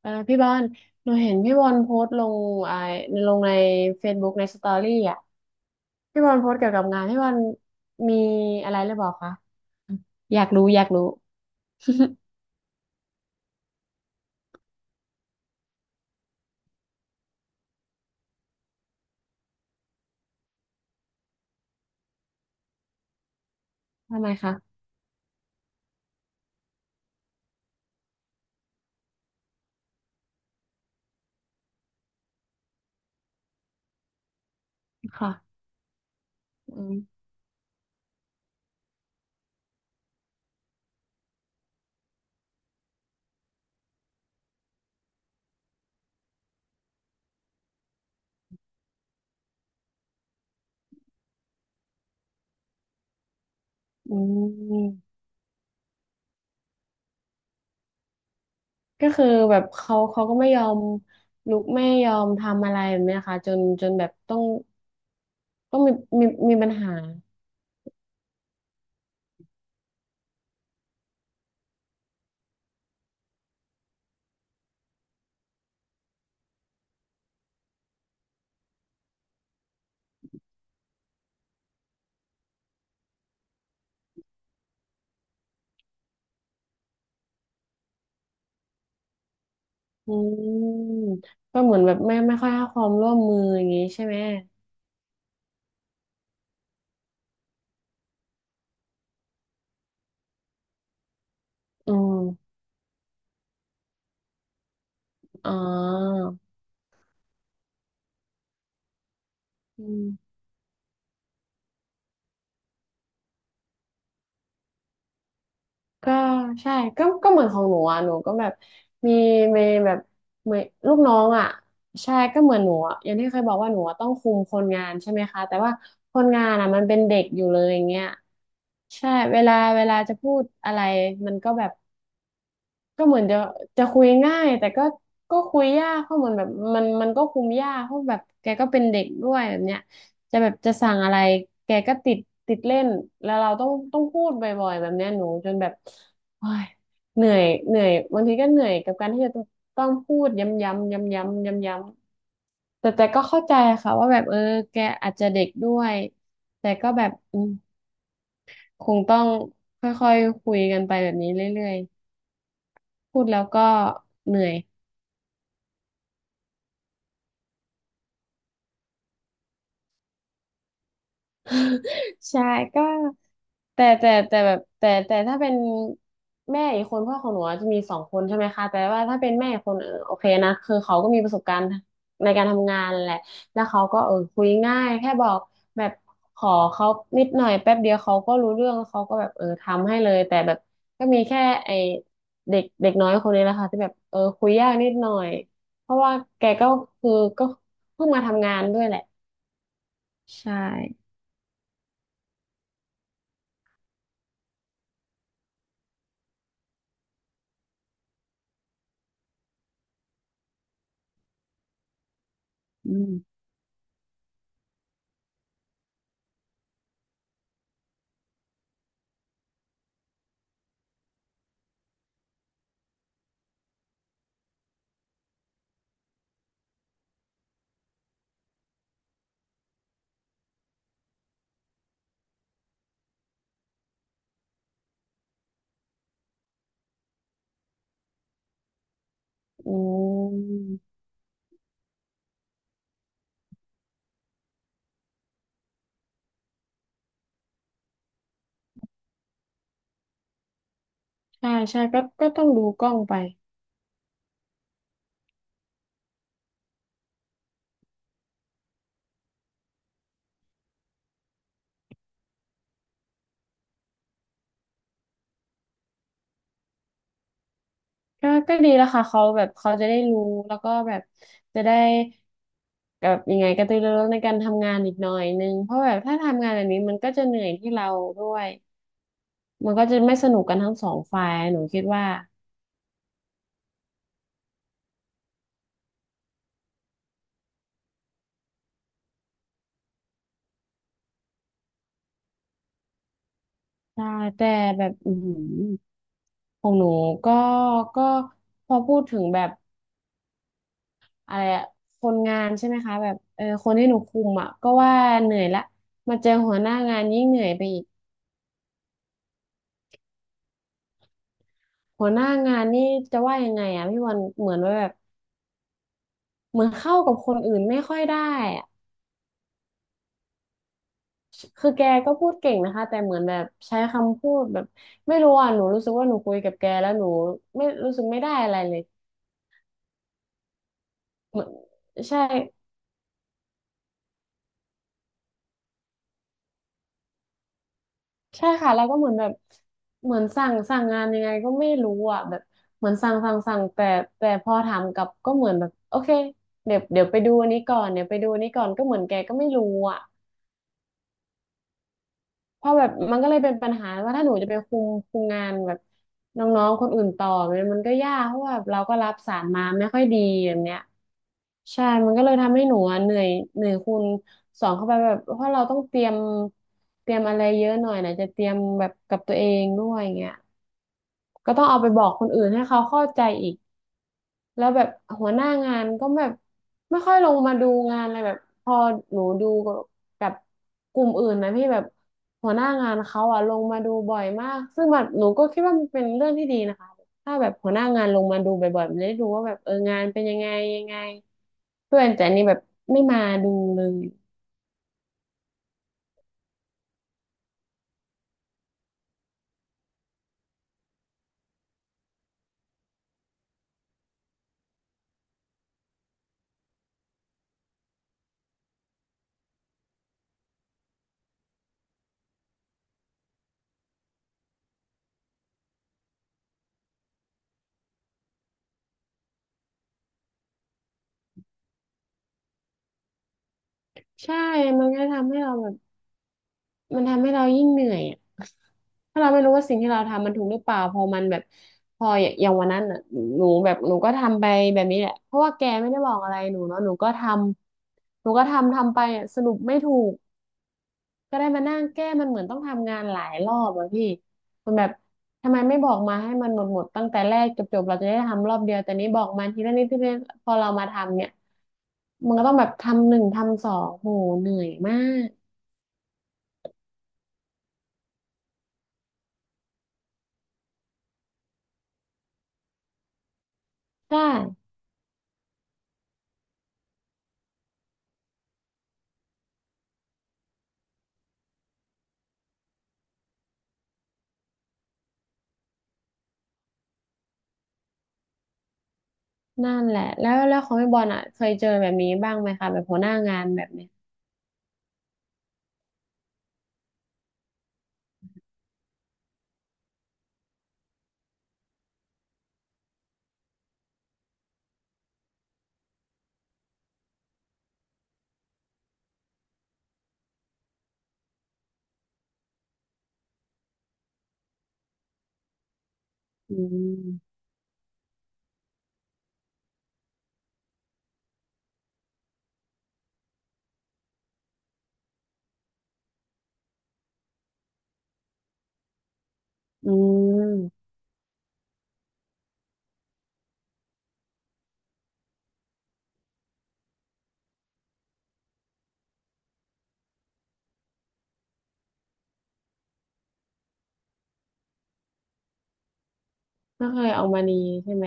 พี่บอลหนูเห็นพี่บอลโพสต์ลงไอ้ลงใน Facebook ในสตอรี่อ่ะพี่บอลโพสต์เกี่ยวกับงานพี่บอลมีอะไรหรือเปล่าคะอยากรู้ ทำไมคะค่ะอืมอืมก็คือแบบเขาก็ไม่ยอมลุกไม่ยอมทำอะไรแบบเนี้ยค่ะจนแบบต้องต้องมีมีปัญหาอืมก็เหมือนแบบไม่ค่อยให้ความร่วมมืออย่างงี้ใช่ไหมอืมอ๋ออืม ก็ใช่ก็ก็เหมือนของหนูอ่ะหนูก็แบบมีมีแบบมีลูกน้องอ่ะใช่ก็เหมือนหนูอะอย่างที่เคยบอกว่าหนูอะต้องคุมคนงานใช่ไหมคะแต่ว่าคนงานอ่ะมันเป็นเด็กอยู่เลยอย่างเงี้ยใช่เวลาจะพูดอะไรมันก็แบบ ก็เหมือนจะคุยง่ายแต่ก็คุยยากเพราะเหมือนแบบมันก็คุมยากเพราะแบบแกก็เป็นเด็กด้วยแบบเนี้ยจะแบบจะสั่งอะไรแกก็ติดติดเล่นแล้วเราต้องพูดบ่อยๆแบบเนี้ยหนูจนแบบโอ้ยเหนื่อยเหนื่อยบางทีก็เหนื่อยกับการที่จะต้องพูดย้ำๆย้ำๆย้ำๆแต่แต่ก็เข้าใจค่ะว่าแบบเออแกอาจจะเด็กด้วยแต่ก็แบบอืมคงต้องค่อยๆคุยกันไปแบบนี้เรื่อยๆพูดแล้วก็เหนื่อย ใช่ก็แต่แต่แต่แบบแต่แต่ถ้าเป็นแม่อีกคนพ่อของหนูอะจะมีสองคนใช่ไหมคะแต่ว่าถ้าเป็นแม่อีกคนเออโอเคนะคือเขาก็มีประสบการณ์ในการทำงานแหละแล้วเขาก็เออคุยง่ายแค่บอกแบบขอเขานิดหน่อยแป๊บเดียวเขาก็รู้เรื่องเขาก็แบบเออทำให้เลยแต่แบบก็มีแค่ไอเด็กเด็กน้อยคนนี้แหละค่ะที่แบบเออคุยยากนิดหน่อยเพราะว่าแกก็คือก็เพิ่งมาทำงานด้วยแหละใช่อืมอืม ใช่ใช่ก็ต้องดูกล้องไปก็ดีแล้วค่ะเขาแบบเขาจะได้รู้แล้วก็แบบจะได้แบบยังไงกระตือรือร้นในการทำงานอีกหน่อยนึงเพราะแบบถ้าทำงานแบบนี้มันก็จะเหนื่อยที่เราด้วยมันก็จะไม่สนุกกันทั้งสองฝ่ายหนูคิดว่าใช่แต่แบบอือหือของหนูก็ก็พอพูดถึงแบบอะไรอะคนงานใช่ไหมคะแบบเออคนที่หนูคุมอ่ะก็ว่าเหนื่อยละมาเจอหัวหน้างานยิ่งเหนื่อยไปอีก หัวหน้างานนี่จะว่ายังไงอ่ะพี่วันเหมือนว่าแบบเหมือนเข้ากับคนอื่นไม่ค่อยได้อ่ะคือแกก็พูดเก่งนะคะแต่เหมือนแบบใช้คำพูดแบบไม่รู้อ่ะหนูรู้สึกว่าหนูคุยกับแกแล้วหนูไม่รู้สึกไม่ได้อะไรเลยเหมือนใช่ใช่ค่ะแล้วก็เหมือนแบบเหมือนสั่งงานยังไงก็ไม่รู้อ่ะแบบเหมือนสั่งแต่แต่พอถามกลับก็เหมือนแบบโอเคเดี๋ยวไปดูอันนี้ก่อนเดี๋ยวไปดูอันนี้ก่อนก็เหมือนแกก็ไม่รู้อ่ะ เพราะแบบมันก็เลยเป็นปัญหาว่าถ้าหนูจะไปคุมงานแบบน้องๆคนอื่นต่อมันก็ยากเพราะว่าเราก็รับสารมาไม่ค่อยดีแบบเนี้ยใช่มันก็เลยทำให้หนูอะเหนื่อยเหนื่อยคูณสองเข้าไปแบบเพราะเราต้องเตรียมอะไรเยอะหน่อยนะจะเตรียมแบบกับตัวเองด้วยอย่างเงี้ยก็ต้องเอาไปบอกคนอื่นให้เขาเข้าใจอีก แล้วแบบหัวหน้างานก็แบบไม่ค่อยลงมาดูงานอะไรแบบพอหนูดูกับกลุ่มอื่นนะพี่แบบหัวหน้างานเขาอะลงมาดูบ่อยมากซึ่งแบบหนูก็คิดว่ามันเป็นเรื่องที่ดีนะคะถ้าแบบหัวหน้างานลงมาดูบ่อยๆมันจะได้ดูว่าแบบเอองานเป็นยังไงยังไงเพื่อนแต่อันนี่แบบไม่มาดูเลยใช่ มันก็ทำให้เราแบบมันทำให้เรายิ่งเหนื่อยอะ ถ้าเราไม่รู้ว่าสิ่งที่เราทำมันถูกหรือเปล่าพอมันแบบพออย่างวันนั้นอ่ะหนูแบบหนูก็ทำไปแบบนี้แหละเพราะว่าแกไม่ได้บอกอะไรหนูเนาะหนูก็ทำทำไปอะสรุปไม่ถูกก็ได้มานั่งแก้มันเหมือนต้องทำงานหลายรอบอะพี่มันแบบทำไมไม่บอกมาให้มันหมดตั้งแต่แรกจบเราจะได้ทำรอบเดียวแต่นี้บอกมาทีละนิดทีละนิดพอเรามาทำเนี่ยมันก็ต้องแบบทำหนึ่งทำสองโหเหนื่อยมากใช่ นั่นแหละแล้วของพี่บอลอ่ะเคยเจอแบบนี้บ้างไหมคะแบบหัวหน้างานแบบเนี้ยอืมอืมก็เคยออกมาดีใช่ไหม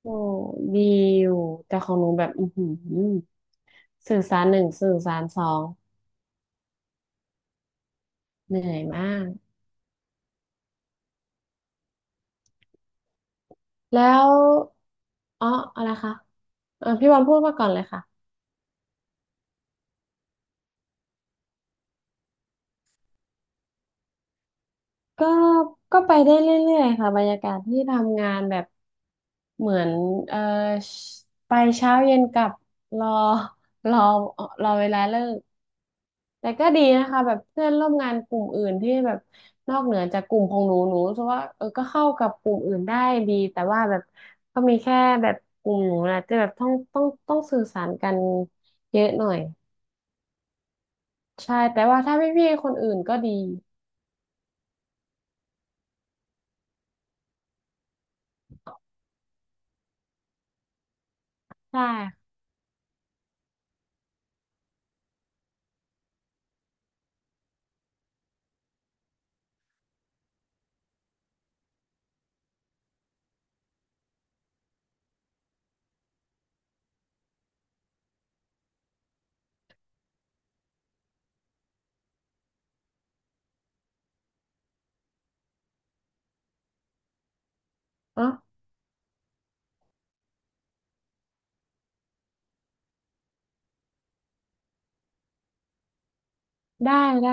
โอ้ดีอยู่แต่ของหนูแบบอือหือสื่อสารหนึ่งสื่อสารสองเหนื่อยมากแล้วอ๋ออะไรคะเออพี่บอลพูดมาก่อนเลยค่ะก็ก็ไปได้เรื่อยๆค่ะบรรยากาศที่ทำงานแบบเหมือนเออไปเช้าเย็นกลับรอรอรอเวลาเลิก แต่ก็ดีนะคะแบบเพื่อนร่วมงานกลุ่มอื่นที่แบบนอกเหนือจากกลุ่มของหนูหนูรู้สึกว่าเออก็เข้ากับกลุ่มอื่นได้ดีแต่ว่าแบบก็มีแค่แบบกลุ่มหนูนะจะแบบต้องสื่อสารกันเยอะหน่อยใช่แต่ว่าถ้าพี่ๆคนอื่นก็ดีใช่เนาะได้ได้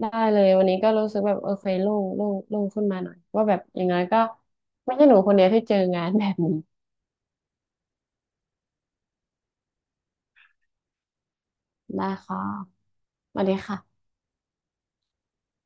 ได้เลยวันนี้ก็รู้สึกแบบเออเคยโล่งขึ้นมาหน่อยว่าแบบอย่างน้อยก็ไม่ใช่หนูคนเดียวที่เจองานแบบนี้ได้ค่ะสวัสดีค่ะ